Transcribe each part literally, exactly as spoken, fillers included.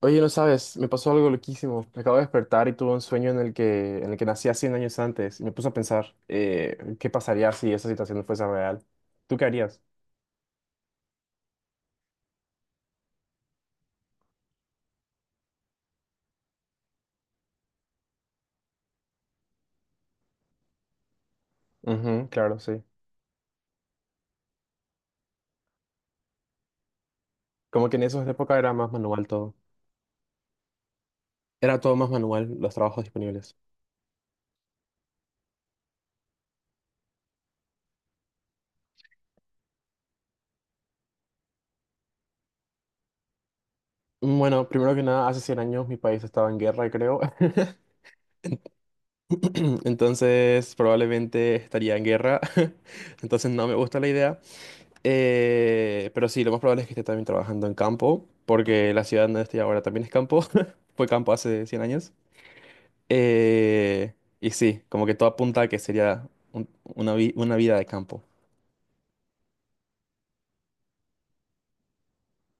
Oye, no sabes, me pasó algo loquísimo. Me acabo de despertar y tuve un sueño en el que, en el que nací a cien años antes. Y me puse a pensar, eh, ¿qué pasaría si esa situación no fuese real? ¿Tú qué harías? Ujú, claro, sí. Como que en esa época era más manual todo. Era todo más manual, los trabajos disponibles. Mm, Bueno, primero que nada, hace cien años mi país estaba en guerra, creo. Entonces, probablemente estaría en guerra. Entonces, no me gusta la idea. Eh, pero sí, lo más probable es que esté también trabajando en campo, porque la ciudad donde estoy ahora también es campo. Fue campo hace cien años. Eh, y sí, como que todo apunta a que sería un- una, vi- una vida de campo.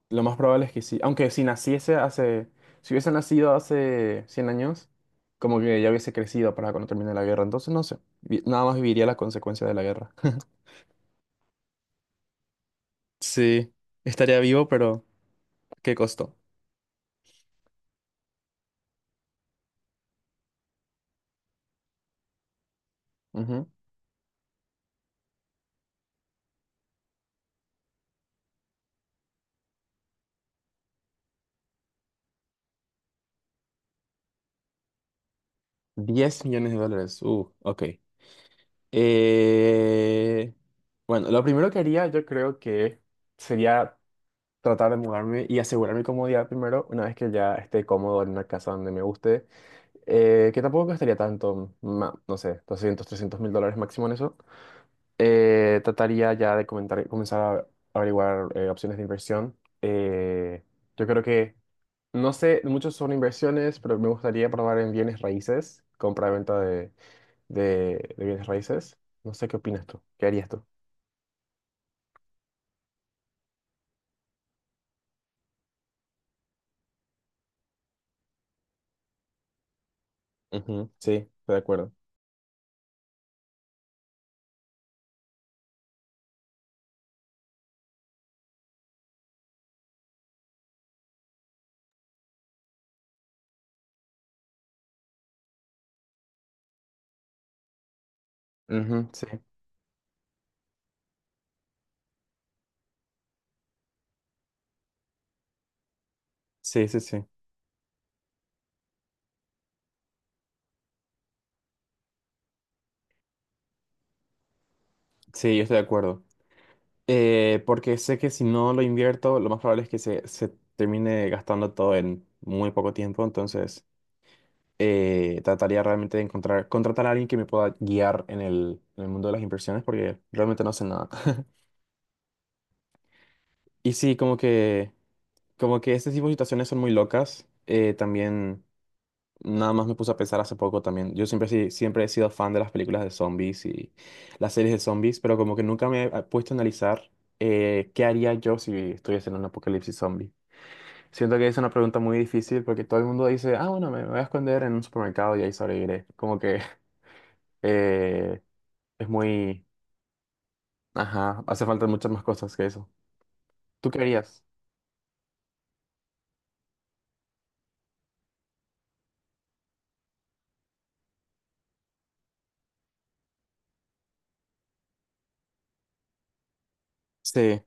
Lo más probable es que sí. Aunque si naciese hace... Si hubiese nacido hace cien años, como que ya hubiese crecido para cuando termine la guerra. Entonces, no sé. vi- Nada más viviría la consecuencia de la guerra. Sí, estaría vivo, pero ¿qué costó? Ujú. diez millones de dólares. Uh, ok. Eh, bueno, lo primero que haría yo creo que sería tratar de mudarme y asegurar mi comodidad primero, una vez que ya esté cómodo en una casa donde me guste, eh, que tampoco gastaría tanto, ma- no sé, doscientos trescientos mil dólares máximo en eso. Eh, trataría ya de comentar- comenzar a averiguar eh, opciones de inversión. Eh, yo creo que, no sé, muchos son inversiones, pero me gustaría probar en bienes raíces, compra-venta de, de bienes raíces. No sé qué opinas tú. ¿Qué harías tú? Ujú, sí, estoy de acuerdo. Ujú, sí. Sí, sí, sí. Sí, yo estoy de acuerdo. Eh, porque sé que si no lo invierto, lo más probable es que se, se termine gastando todo en muy poco tiempo. Entonces, eh, trataría realmente de encontrar, contratar a alguien que me pueda guiar en el, en el mundo de las inversiones, porque realmente no sé nada. Y sí, como que, como que este tipo de situaciones son muy locas. Eh, también. Nada más me puse a pensar hace poco también. Yo siempre, sí- siempre he sido fan de las películas de zombies y las series de zombies, pero como que nunca me he puesto a analizar eh, qué haría yo si estuviese en un apocalipsis zombie. Siento que es una pregunta muy difícil porque todo el mundo dice, ah, bueno, me me voy a esconder en un supermercado y ahí sobreviviré. Como que eh, es muy. Ajá, hace falta muchas más cosas que eso. ¿Tú qué harías? Sí,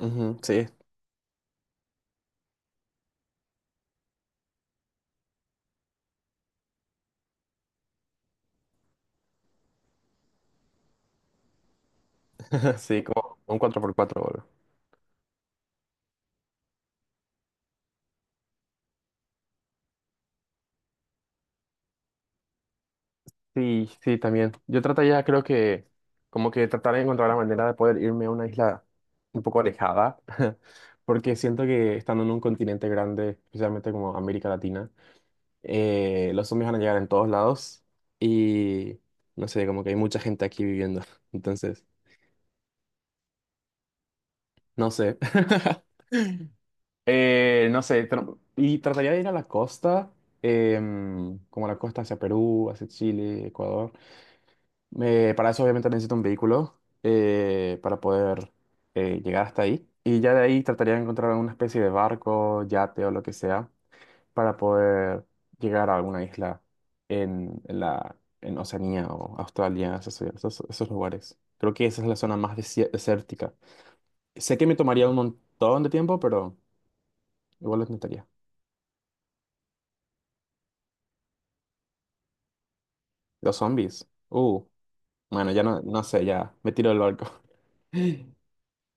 ujú, sí, sí, como un cuatro por cuatro. Sí, sí, también. Yo trataría, creo que, como que tratar de encontrar la manera de poder irme a una isla un poco alejada, porque siento que estando en un continente grande, especialmente como América Latina, eh, los zombies van a llegar en todos lados y no sé, como que hay mucha gente aquí viviendo. Entonces, no sé. Eh, no sé, tra- y trataría de ir a la costa, em, como a la costa hacia Perú, hacia Chile, Ecuador. Me- para eso obviamente necesito un vehículo eh, para poder eh, llegar hasta ahí. Y ya de ahí trataría de encontrar alguna especie de barco, yate o lo que sea para poder llegar a alguna isla en, en la, en Oceanía o Australia, esos, esos- esos lugares. Creo que esa es la zona más desi- desértica. Sé que me tomaría un montón de tiempo, pero igual lo intentaría. Los zombies. Uh, bueno, ya no, no sé, ya me tiro del barco.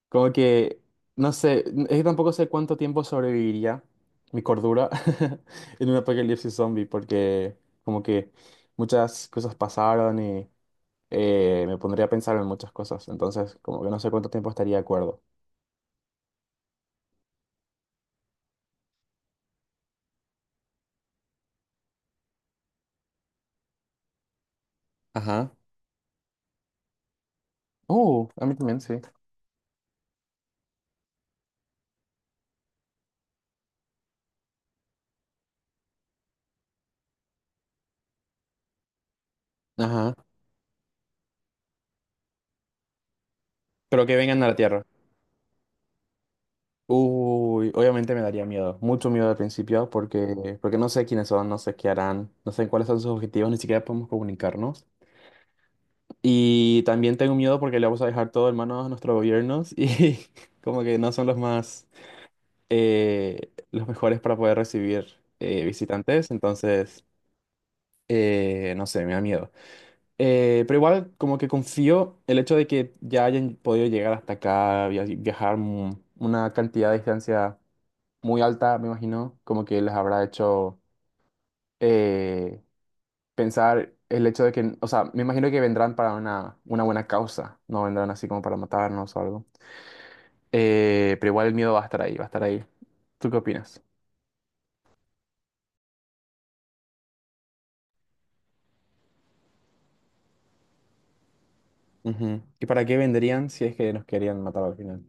Como que, no sé, es que tampoco sé cuánto tiempo sobreviviría mi cordura en un apocalipsis zombie, porque como que muchas cosas pasaron y eh, me pondría a pensar en muchas cosas, entonces como que no sé cuánto tiempo estaría de acuerdo. Ajá, Uh, a mí también, sí. Ajá. Pero que vengan a la Tierra. Uy, obviamente me daría miedo, mucho miedo al principio, porque, porque no sé quiénes son, no sé qué harán, no sé cuáles son sus objetivos, ni siquiera podemos comunicarnos. Y también tengo miedo porque le vamos a dejar todo en manos a nuestros gobiernos y como que no son los más, eh, los mejores para poder recibir eh, visitantes, entonces, eh, no sé, me da miedo. Eh, pero igual como que confío el hecho de que ya hayan podido llegar hasta acá, via- viajar mu- una cantidad de distancia muy alta, me imagino, como que les habrá hecho eh, pensar el hecho de que, o sea, me imagino que vendrán para una, una buena causa, no vendrán así como para matarnos o algo. Eh, pero igual el miedo va a estar ahí, va a estar ahí. ¿Tú qué opinas? Ujú. ¿Y para qué vendrían si es que nos querían matar al final?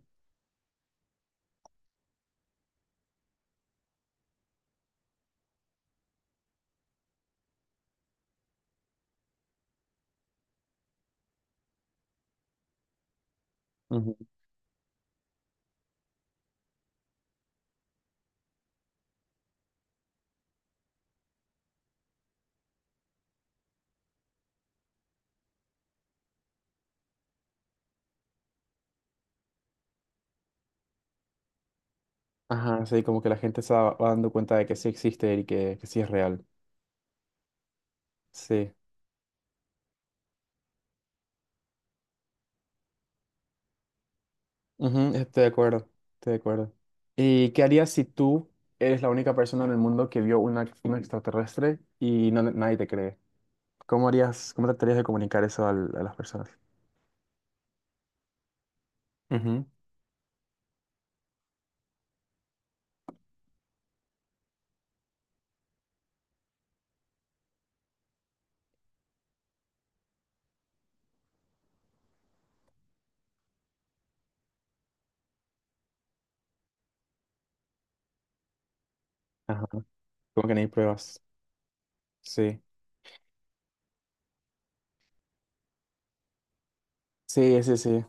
Ujú. Ajá, sí, como que la gente se va va dando cuenta de que sí existe y que, que sí es real. Sí, ujú, estoy de acuerdo, estoy de acuerdo. ¿Y qué harías si tú eres la única persona en el mundo que vio una, un extraterrestre y no, nadie te cree? ¿Cómo harías, cómo tratarías de comunicar eso al- a las personas? Ujú, ajá. Como que no hay pruebas. Sí. Sí, sí, sí.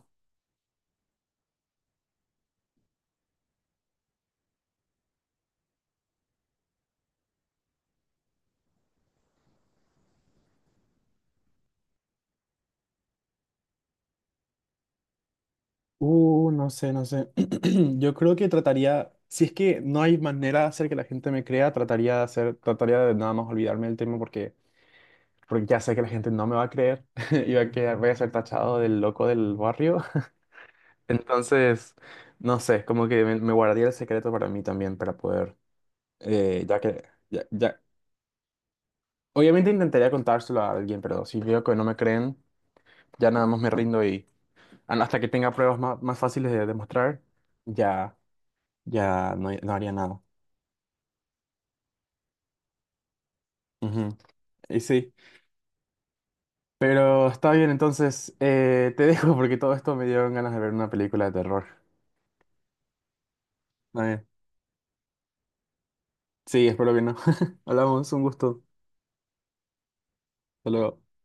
Uh, no sé, no sé. Yo creo que trataría, si es que no hay manera de hacer que la gente me crea, trataría de hacer, trataría de nada más olvidarme del tema porque, porque ya sé que la gente no me va a creer y va a quedar, voy a ser tachado del loco del barrio. Entonces, no sé, como que me, me guardaría el secreto para mí también, para poder, eh, ya que, ya, ya- Obviamente intentaría contárselo a alguien, pero si veo que no me creen, ya nada más me rindo y an- hasta que tenga pruebas más, más fáciles de demostrar, ya, ya no, no, haría nada. Ujú. Y sí, pero está bien, entonces eh, te dejo porque todo esto me dio ganas de ver una película de terror. Está bien. Sí, espero que no. Hablamos, un gusto. Hasta luego.